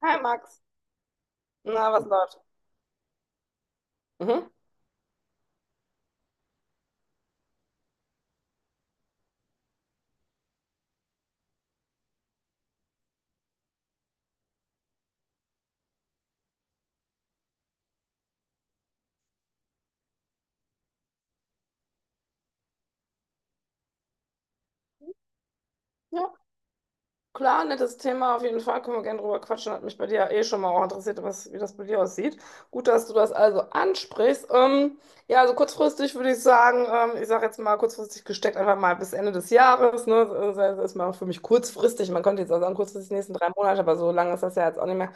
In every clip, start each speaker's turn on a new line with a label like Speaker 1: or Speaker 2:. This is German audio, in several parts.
Speaker 1: Hi Max, na, was läuft? Mhm. Ja, klar, nettes Thema auf jeden Fall. Können wir gerne drüber quatschen. Hat mich bei dir eh schon mal auch interessiert, was, wie das bei dir aussieht. Gut, dass du das also ansprichst. Ja, also kurzfristig würde ich sagen, ich sage jetzt mal kurzfristig gesteckt, einfach mal bis Ende des Jahres. Ne? Das ist mal für mich kurzfristig. Man könnte jetzt auch sagen, kurzfristig die nächsten 3 Monate, aber so lange ist das ja jetzt auch nicht mehr.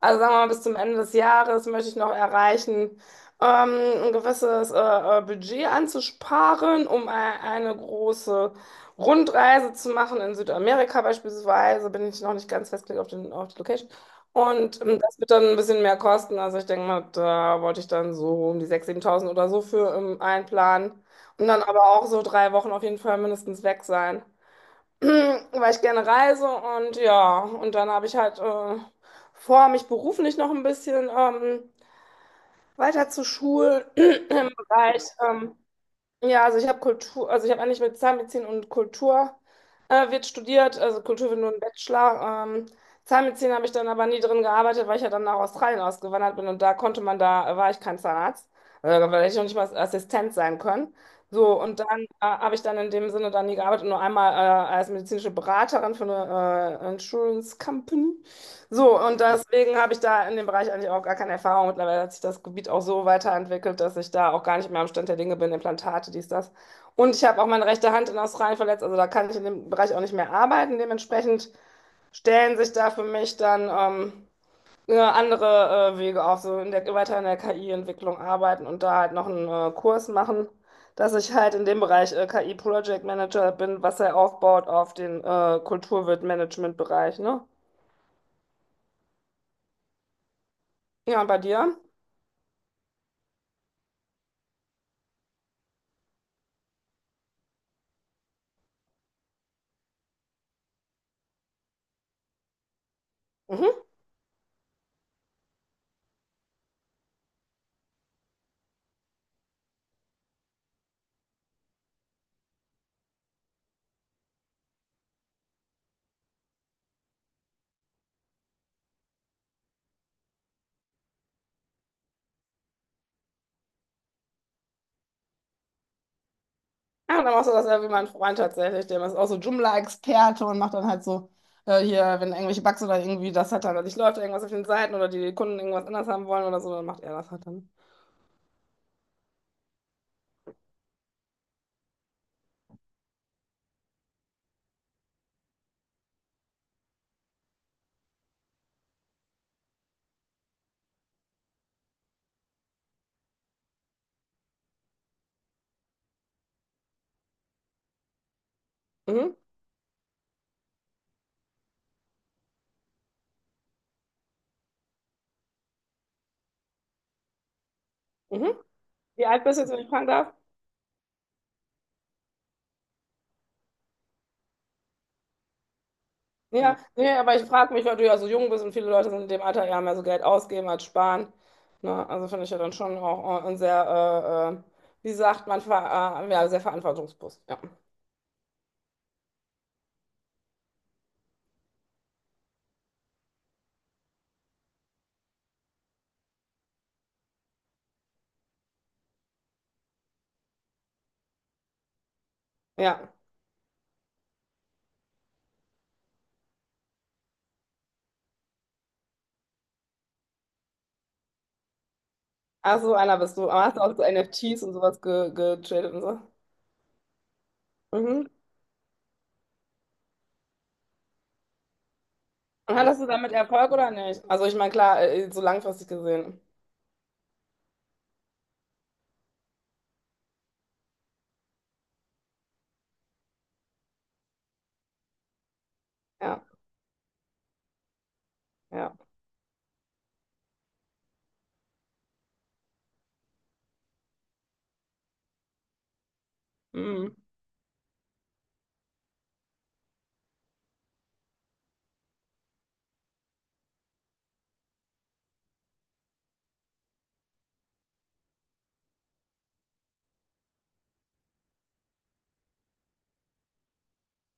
Speaker 1: Also sagen wir mal, bis zum Ende des Jahres möchte ich noch erreichen, ähm, ein gewisses Budget anzusparen, um eine große Rundreise zu machen in Südamerika beispielsweise, bin ich noch nicht ganz festgelegt auf den, auf die Location. Und das wird dann ein bisschen mehr kosten. Also ich denke mal, da wollte ich dann so um die 6.000, 7.000 oder so für einplanen. Und dann aber auch so 3 Wochen auf jeden Fall mindestens weg sein, weil ich gerne reise. Und ja, und dann habe ich halt vor, mich beruflich noch ein bisschen weiter zu schulen im Bereich. Ja, also ich habe Kultur, also ich habe eigentlich mit Zahnmedizin und Kultur wird studiert, also Kultur wird nur ein Bachelor. Zahnmedizin habe ich dann aber nie drin gearbeitet, weil ich ja dann nach Australien ausgewandert bin und da konnte man, da war ich kein Zahnarzt, da hätte ich noch nicht mal Assistent sein können. So, und dann habe ich dann in dem Sinne dann nie gearbeitet, nur einmal als medizinische Beraterin für eine Insurance Company. So, und deswegen habe ich da in dem Bereich eigentlich auch gar keine Erfahrung. Mittlerweile hat sich das Gebiet auch so weiterentwickelt, dass ich da auch gar nicht mehr am Stand der Dinge bin, Implantate, dies, das. Und ich habe auch meine rechte Hand in Australien verletzt, also da kann ich in dem Bereich auch nicht mehr arbeiten. Dementsprechend stellen sich da für mich dann andere Wege auf, so in der, weiter in der KI-Entwicklung arbeiten und da halt noch einen Kurs machen, dass ich halt in dem Bereich KI Project Manager bin, was er aufbaut auf den Kulturwirt-Management-Bereich, ne? Ja, und bei dir? Mhm. Ja, und dann machst du das ja wie mein Freund tatsächlich. Der ist auch so Joomla-Experte und macht dann halt so, hier, wenn irgendwelche Bugs oder irgendwie das hat dann nicht läuft, irgendwas auf den Seiten oder die Kunden irgendwas anders haben wollen oder so, dann macht er das halt dann. Mhm, mhm. Wie alt bist du jetzt, wenn ich fragen darf? Ja, nee, aber ich frage mich, weil du ja so jung bist und viele Leute sind in dem Alter ja mehr so Geld ausgeben als sparen. Ne? Also finde ich ja dann schon auch ein sehr, wie sagt man, ver ja, sehr verantwortungsbewusst. Ja. Ja. Ach so, einer bist du. Aber hast du auch so NFTs und sowas ge getradet und so? Mhm. Und hattest du damit Erfolg oder nicht? Also ich meine, klar, so langfristig gesehen. Ja, ja. Mhm.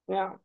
Speaker 1: Ja.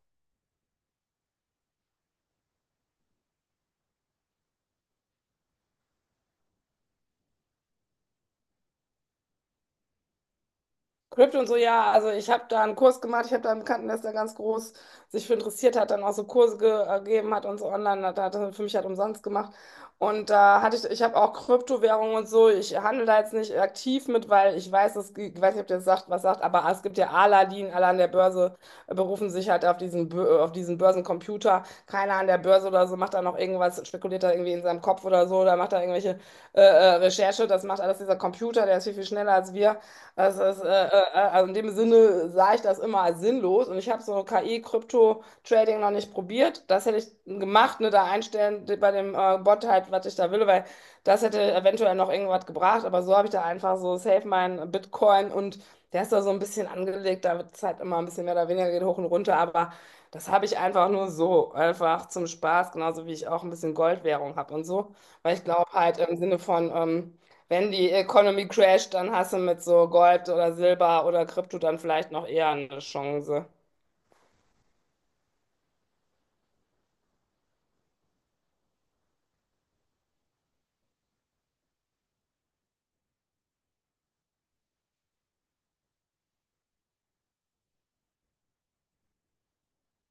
Speaker 1: Krypto und so, ja, also ich habe da einen Kurs gemacht, ich habe da einen Bekannten, der ist da ganz groß sich für interessiert hat, dann auch so Kurse ge gegeben hat und so online, hat er für mich halt umsonst gemacht. Und da hatte ich, ich habe auch Kryptowährungen und so, ich handle da jetzt nicht aktiv mit, weil ich weiß, es, ich weiß nicht, ob ihr das sagt, was sagt, aber es gibt ja Aladdin, alle an der Börse berufen sich halt auf diesen, auf diesen Börsencomputer, keiner an der Börse oder so macht da noch irgendwas, spekuliert da irgendwie in seinem Kopf oder so, oder macht da irgendwelche Recherche, das macht alles dieser Computer, der ist viel, viel schneller als wir. Also, also in dem Sinne sah ich das immer als sinnlos und ich habe so KI-Krypto-Trading noch nicht probiert. Das hätte ich gemacht, ne, da einstellen bei dem Bot halt, was ich da will, weil das hätte eventuell noch irgendwas gebracht, aber so habe ich da einfach so safe mein Bitcoin und der ist da so ein bisschen angelegt, da wird es halt immer ein bisschen mehr oder weniger geht hoch und runter, aber das habe ich einfach nur so, einfach zum Spaß, genauso wie ich auch ein bisschen Goldwährung habe und so, weil ich glaube halt im Sinne von, wenn die Economy crasht, dann hast du mit so Gold oder Silber oder Krypto dann vielleicht noch eher eine Chance.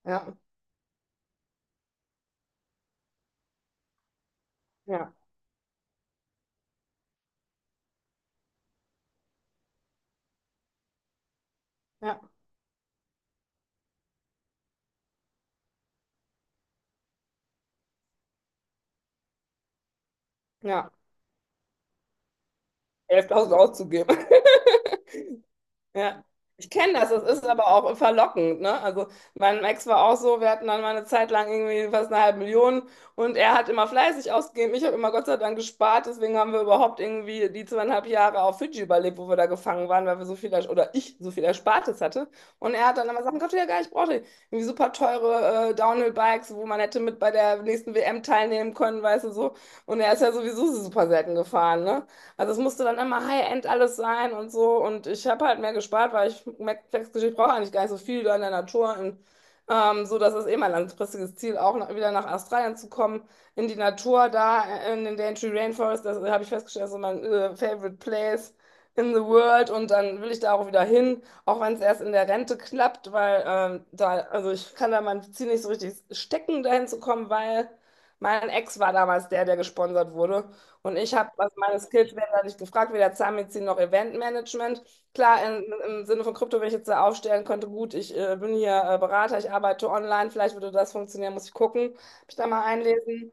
Speaker 1: Ja, ja, ja, ja. 11.000 auszugeben. Ja, ich kenne das, es ist aber auch verlockend, ne? Also mein Ex war auch so, wir hatten dann mal eine Zeit lang irgendwie fast eine halbe Million und er hat immer fleißig ausgegeben. Ich habe immer Gott sei Dank gespart, deswegen haben wir überhaupt irgendwie die 2,5 Jahre auf Fidschi überlebt, wo wir da gefangen waren, weil wir so viel, oder ich so viel Erspartes hatte. Und er hat dann immer Sachen gekauft, die er gar nicht brauchte. Irgendwie super teure Downhill-Bikes, wo man hätte mit bei der nächsten WM teilnehmen können, weißt du so. Und er ist ja sowieso super selten gefahren, ne? Also es musste dann immer High-End alles sein und so. Und ich habe halt mehr gespart, weil ich merke, ich brauche eigentlich gar nicht so viel da in der Natur. Und, so, dass es eh mein langfristiges Ziel, auch noch, wieder nach Australien zu kommen, in die Natur da, in den Daintree Rainforest. Das habe ich festgestellt, das ist so mein favorite place in the world. Und dann will ich da auch wieder hin, auch wenn es erst in der Rente klappt, weil da, also ich kann da mein Ziel nicht so richtig stecken, dahin zu kommen, weil mein Ex war damals der, der gesponsert wurde. Und ich habe, also meine Skills werden da nicht gefragt, weder Zahnmedizin noch Eventmanagement. Klar, in, im Sinne von Krypto, wenn ich jetzt da aufstellen könnte, gut, ich bin hier Berater, ich arbeite online, vielleicht würde das funktionieren, muss ich gucken, mich da mal einlesen,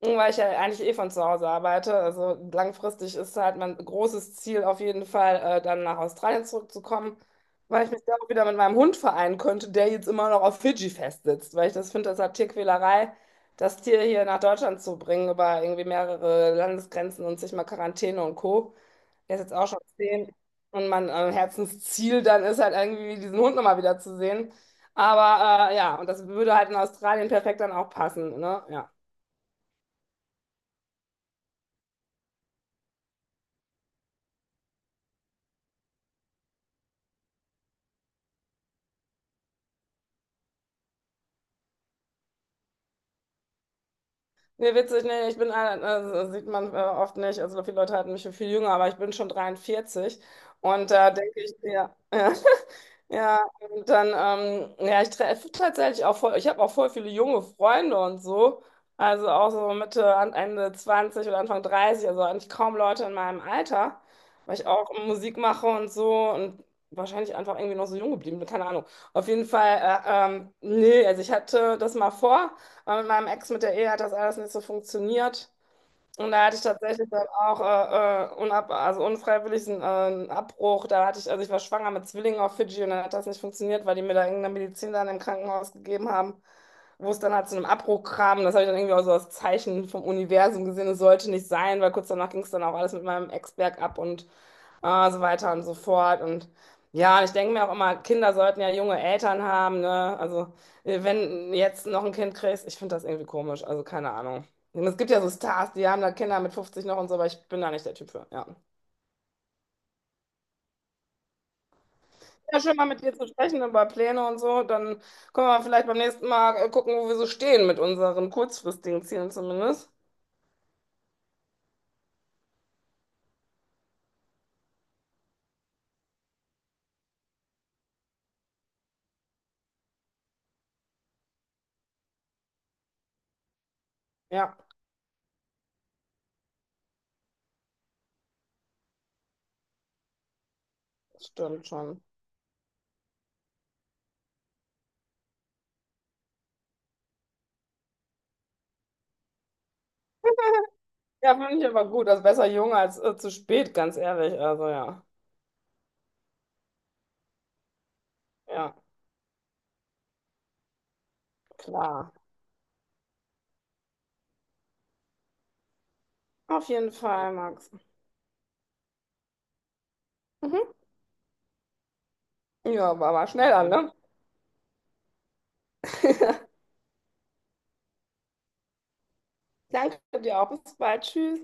Speaker 1: weil ich ja eigentlich eh von zu Hause arbeite. Also langfristig ist halt mein großes Ziel auf jeden Fall, dann nach Australien zurückzukommen, weil ich mich da auch wieder mit meinem Hund vereinen könnte, der jetzt immer noch auf Fidschi festsitzt, weil ich das finde, das hat Tierquälerei das Tier hier nach Deutschland zu bringen, über irgendwie mehrere Landesgrenzen und sich mal Quarantäne und Co. Der ist jetzt auch schon 10. Und mein Herzensziel dann ist halt irgendwie, diesen Hund nochmal wieder zu sehen. Aber ja, und das würde halt in Australien perfekt dann auch passen, ne? Ja. Nee, witzig, nee, sieht man oft nicht, also viele Leute halten mich für viel jünger, aber ich bin schon 43 und da denke ich, ja, ja. Ja, und dann, ja, ich treffe tatsächlich auch voll, ich habe auch voll viele junge Freunde und so. Also auch so Ende 20 oder Anfang 30, also eigentlich kaum Leute in meinem Alter, weil ich auch Musik mache und so und wahrscheinlich einfach irgendwie noch so jung geblieben bin, keine Ahnung. Auf jeden Fall, nee, also ich hatte das mal vor, aber mit meinem Ex, mit der Ehe hat das alles nicht so funktioniert. Und da hatte ich tatsächlich dann auch unab also unfreiwillig einen Abbruch. Da hatte ich, also ich war schwanger mit Zwillingen auf Fidschi und dann hat das nicht funktioniert, weil die mir da irgendeine Medizin dann im Krankenhaus gegeben haben, wo es dann halt zu einem Abbruch kam. Das habe ich dann irgendwie auch so als Zeichen vom Universum gesehen. Es sollte nicht sein, weil kurz danach ging es dann auch alles mit meinem Ex bergab und Ah, so weiter und so fort. Und ja, ich denke mir auch immer, Kinder sollten ja junge Eltern haben, ne? Also, wenn jetzt noch ein Kind kriegst, ich finde das irgendwie komisch. Also, keine Ahnung. Es gibt ja so Stars, die haben da Kinder mit 50 noch und so, aber ich bin da nicht der Typ für. Ja. Ja, schön mal mit dir zu sprechen über Pläne und so. Dann können wir vielleicht beim nächsten Mal gucken, wo wir so stehen mit unseren kurzfristigen Zielen zumindest. Ja, stimmt schon. Ja, finde ich aber gut. Also besser jung als zu spät, ganz ehrlich. Also, ja. Ja, klar. Auf jeden Fall, Max. Mhm. Ja, war, war schnell an, ne? Danke dir auch. Bis bald. Tschüss.